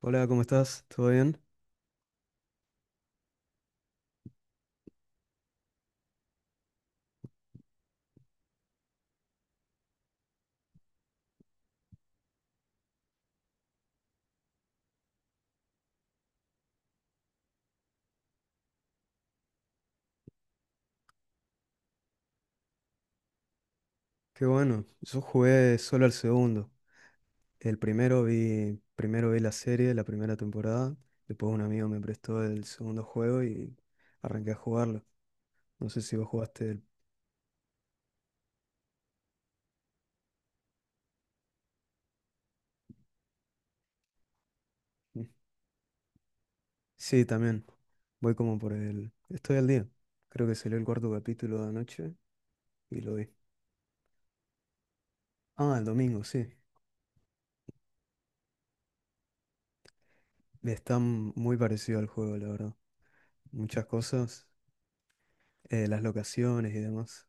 Hola, ¿cómo estás? ¿Todo bien? Qué bueno. Yo jugué solo al segundo. El primero vi la serie, la primera temporada. Después un amigo me prestó el segundo juego y arranqué a jugarlo. No sé si vos jugaste el... mm, Sí, también. Voy como por el... Estoy al día. Creo que salió el cuarto capítulo de anoche y lo vi. Ah, el domingo, sí. Está muy parecido al juego, la verdad. Muchas cosas, las locaciones y demás.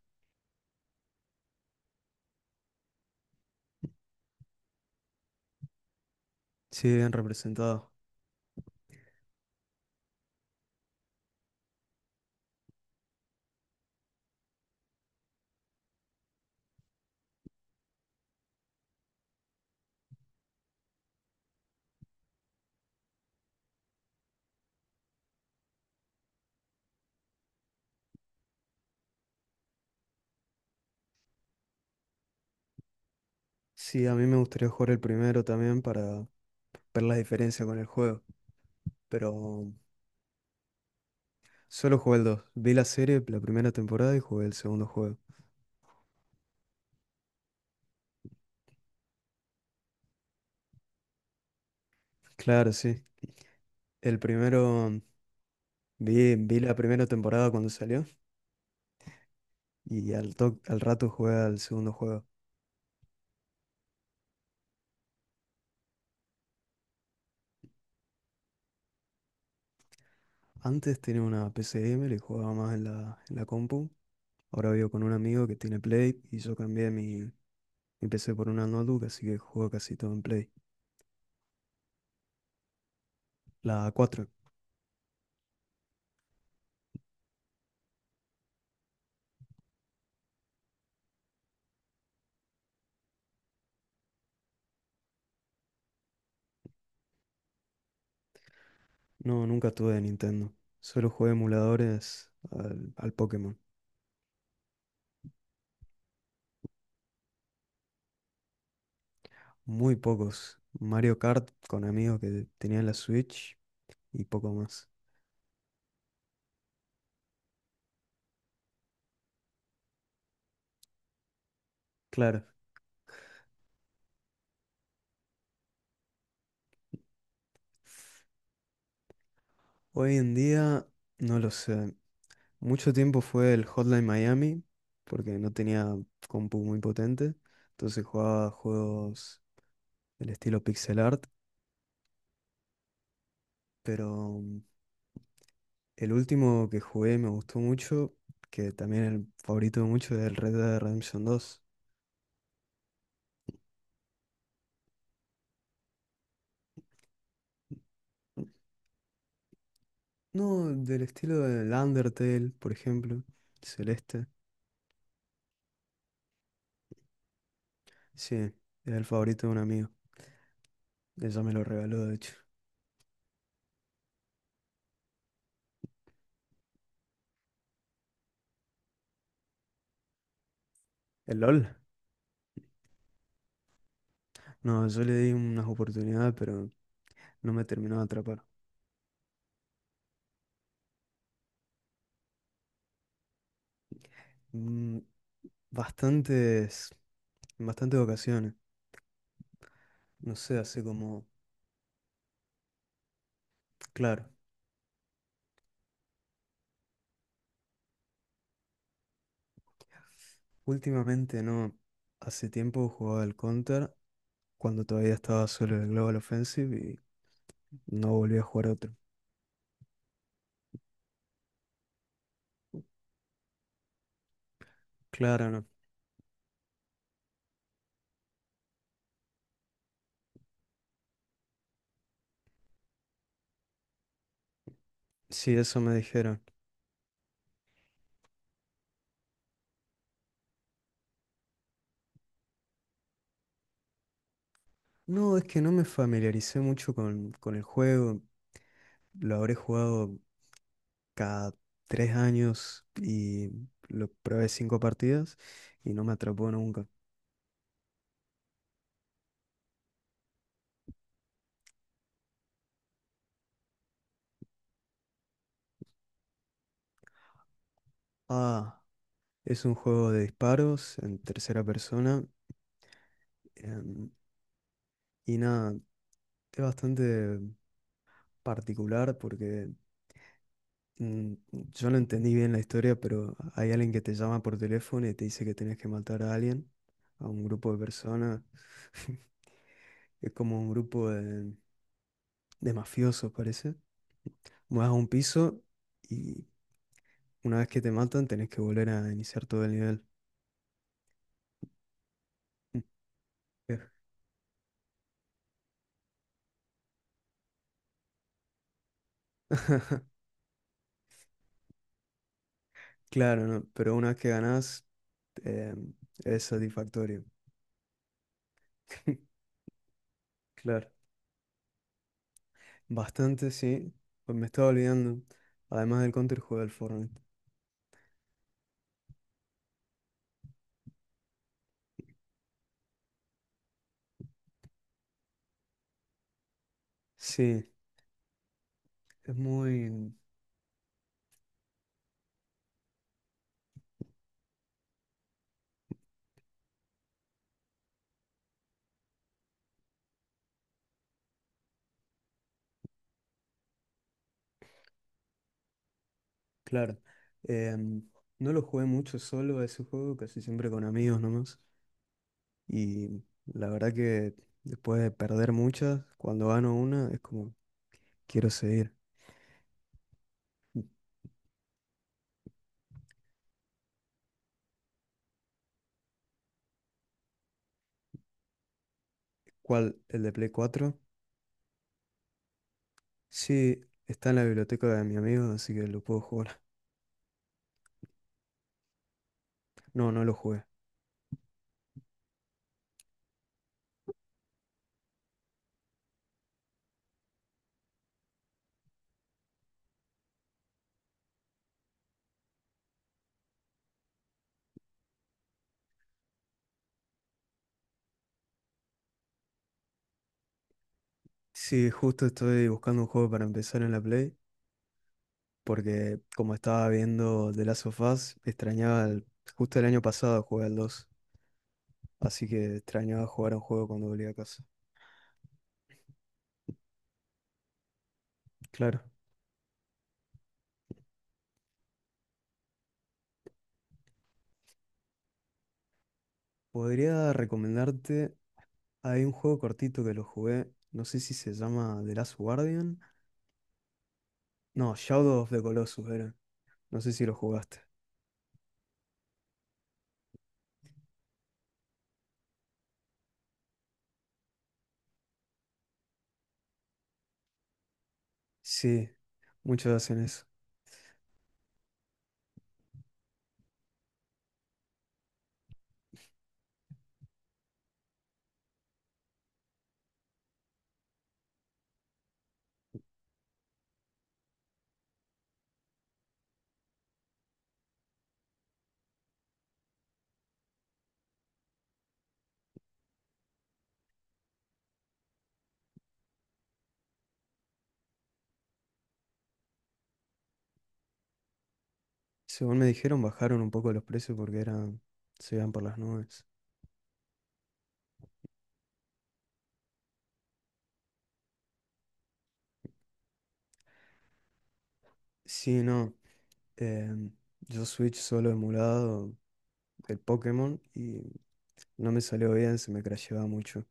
Sí, bien representado. Sí, a mí me gustaría jugar el primero también para ver la diferencia con el juego, pero solo jugué el 2. Vi la serie, la primera temporada y jugué el segundo juego. Claro, sí. El primero, mm, vi la primera temporada cuando salió y al rato jugué al segundo juego. Antes tenía una P C gamer y jugaba más en la compu. Ahora vivo con un amigo que tiene Play y yo cambié mi PC por una notebook, así que juego casi todo en Play. La cuatro. No, nunca tuve de Nintendo. Solo jugué emuladores al Pokémon. Muy pocos. Mario Kart con amigos que tenían la Switch y poco más. Claro, hoy en día no lo sé. Mucho tiempo fue el Hotline Miami porque no tenía compu muy potente. Entonces jugaba juegos del estilo pixel art. Pero el último que jugué y me gustó mucho, que también el favorito de muchos es el Red Dead Redemption dos. No, del estilo del Undertale, por ejemplo. Celeste. Sí, es el favorito de un amigo. Ella me lo regaló, de hecho. ¿El LOL? No, yo le di unas oportunidades, pero no me terminó de atrapar. Mm, Bastantes, en bastantes ocasiones. No sé, hace como... Claro, últimamente no. Hace tiempo jugaba al Counter, cuando todavía estaba solo en el Global Offensive y no volví a jugar otro. Claro, no. Sí, eso me dijeron. No, es que no me familiaricé mucho con el juego. Lo habré jugado cada tres años y lo probé cinco partidas y no me atrapó nunca. Ah, es un juego de disparos en tercera persona. em, y nada, es bastante particular porque mm, yo no entendí bien la historia, pero hay alguien que te llama por teléfono y te dice que tenés que matar a alguien, a un grupo de personas. Es como un grupo de mafioso, parece. Vas a un piso y una vez que te matan tenés que volver a iniciar todo el nivel. Mm. Eh, Claro, ¿no? Pero una vez que ganás, eh, es satisfactorio. Claro. Bastante, sí. Pues me estaba olvidando. Además del Counter, jugué al Fortnite. Sí, es muy... Claro. Em, no lo jugué mucho solo a ese juego, casi siempre con amigos nomás. Y la verdad que después de perder muchas, cuando gano una, es como, quiero seguir. ¿Cuál? ¿El de Play cuatro? Sí, está en la biblioteca de mi amigo, así que lo puedo jugar. No, no lo jugué. Sí, justo estoy buscando un juego para empezar en la Play, porque como estaba viendo The Last of Us, extrañaba el- Justo el año pasado jugué al 2, así que extrañaba jugar a un juego cuando volvía a casa. Claro. Podría recomendarte. Hay un juego cortito que lo jugué, no sé si se llama The Last Guardian. No, Shadow of the Colossus era. No sé si lo jugaste. Sí, muchos hacen eso. Según me dijeron, bajaron un poco los precios porque eran, se iban por las nubes. Sí, no. em, yo Switch solo emulado el Pokémon y no me salió bien, se me crasheaba mucho.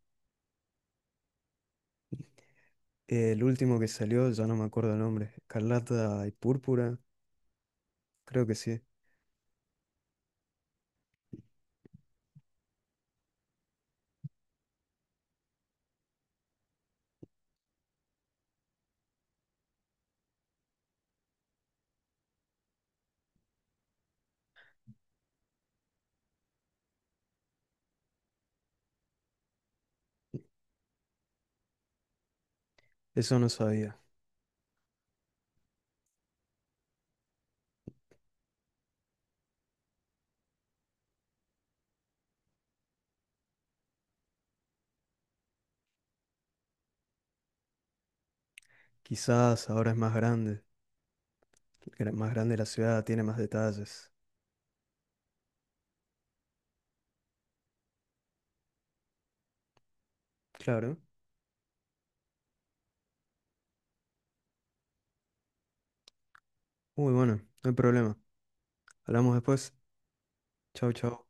El último que salió, ya no me acuerdo el nombre, Escarlata y Púrpura, creo que sí. Eso no sabía. Quizás ahora es más grande. Más grande la ciudad, tiene más detalles. Claro. Uy, bueno, no hay problema. Hablamos después. Chau, chau.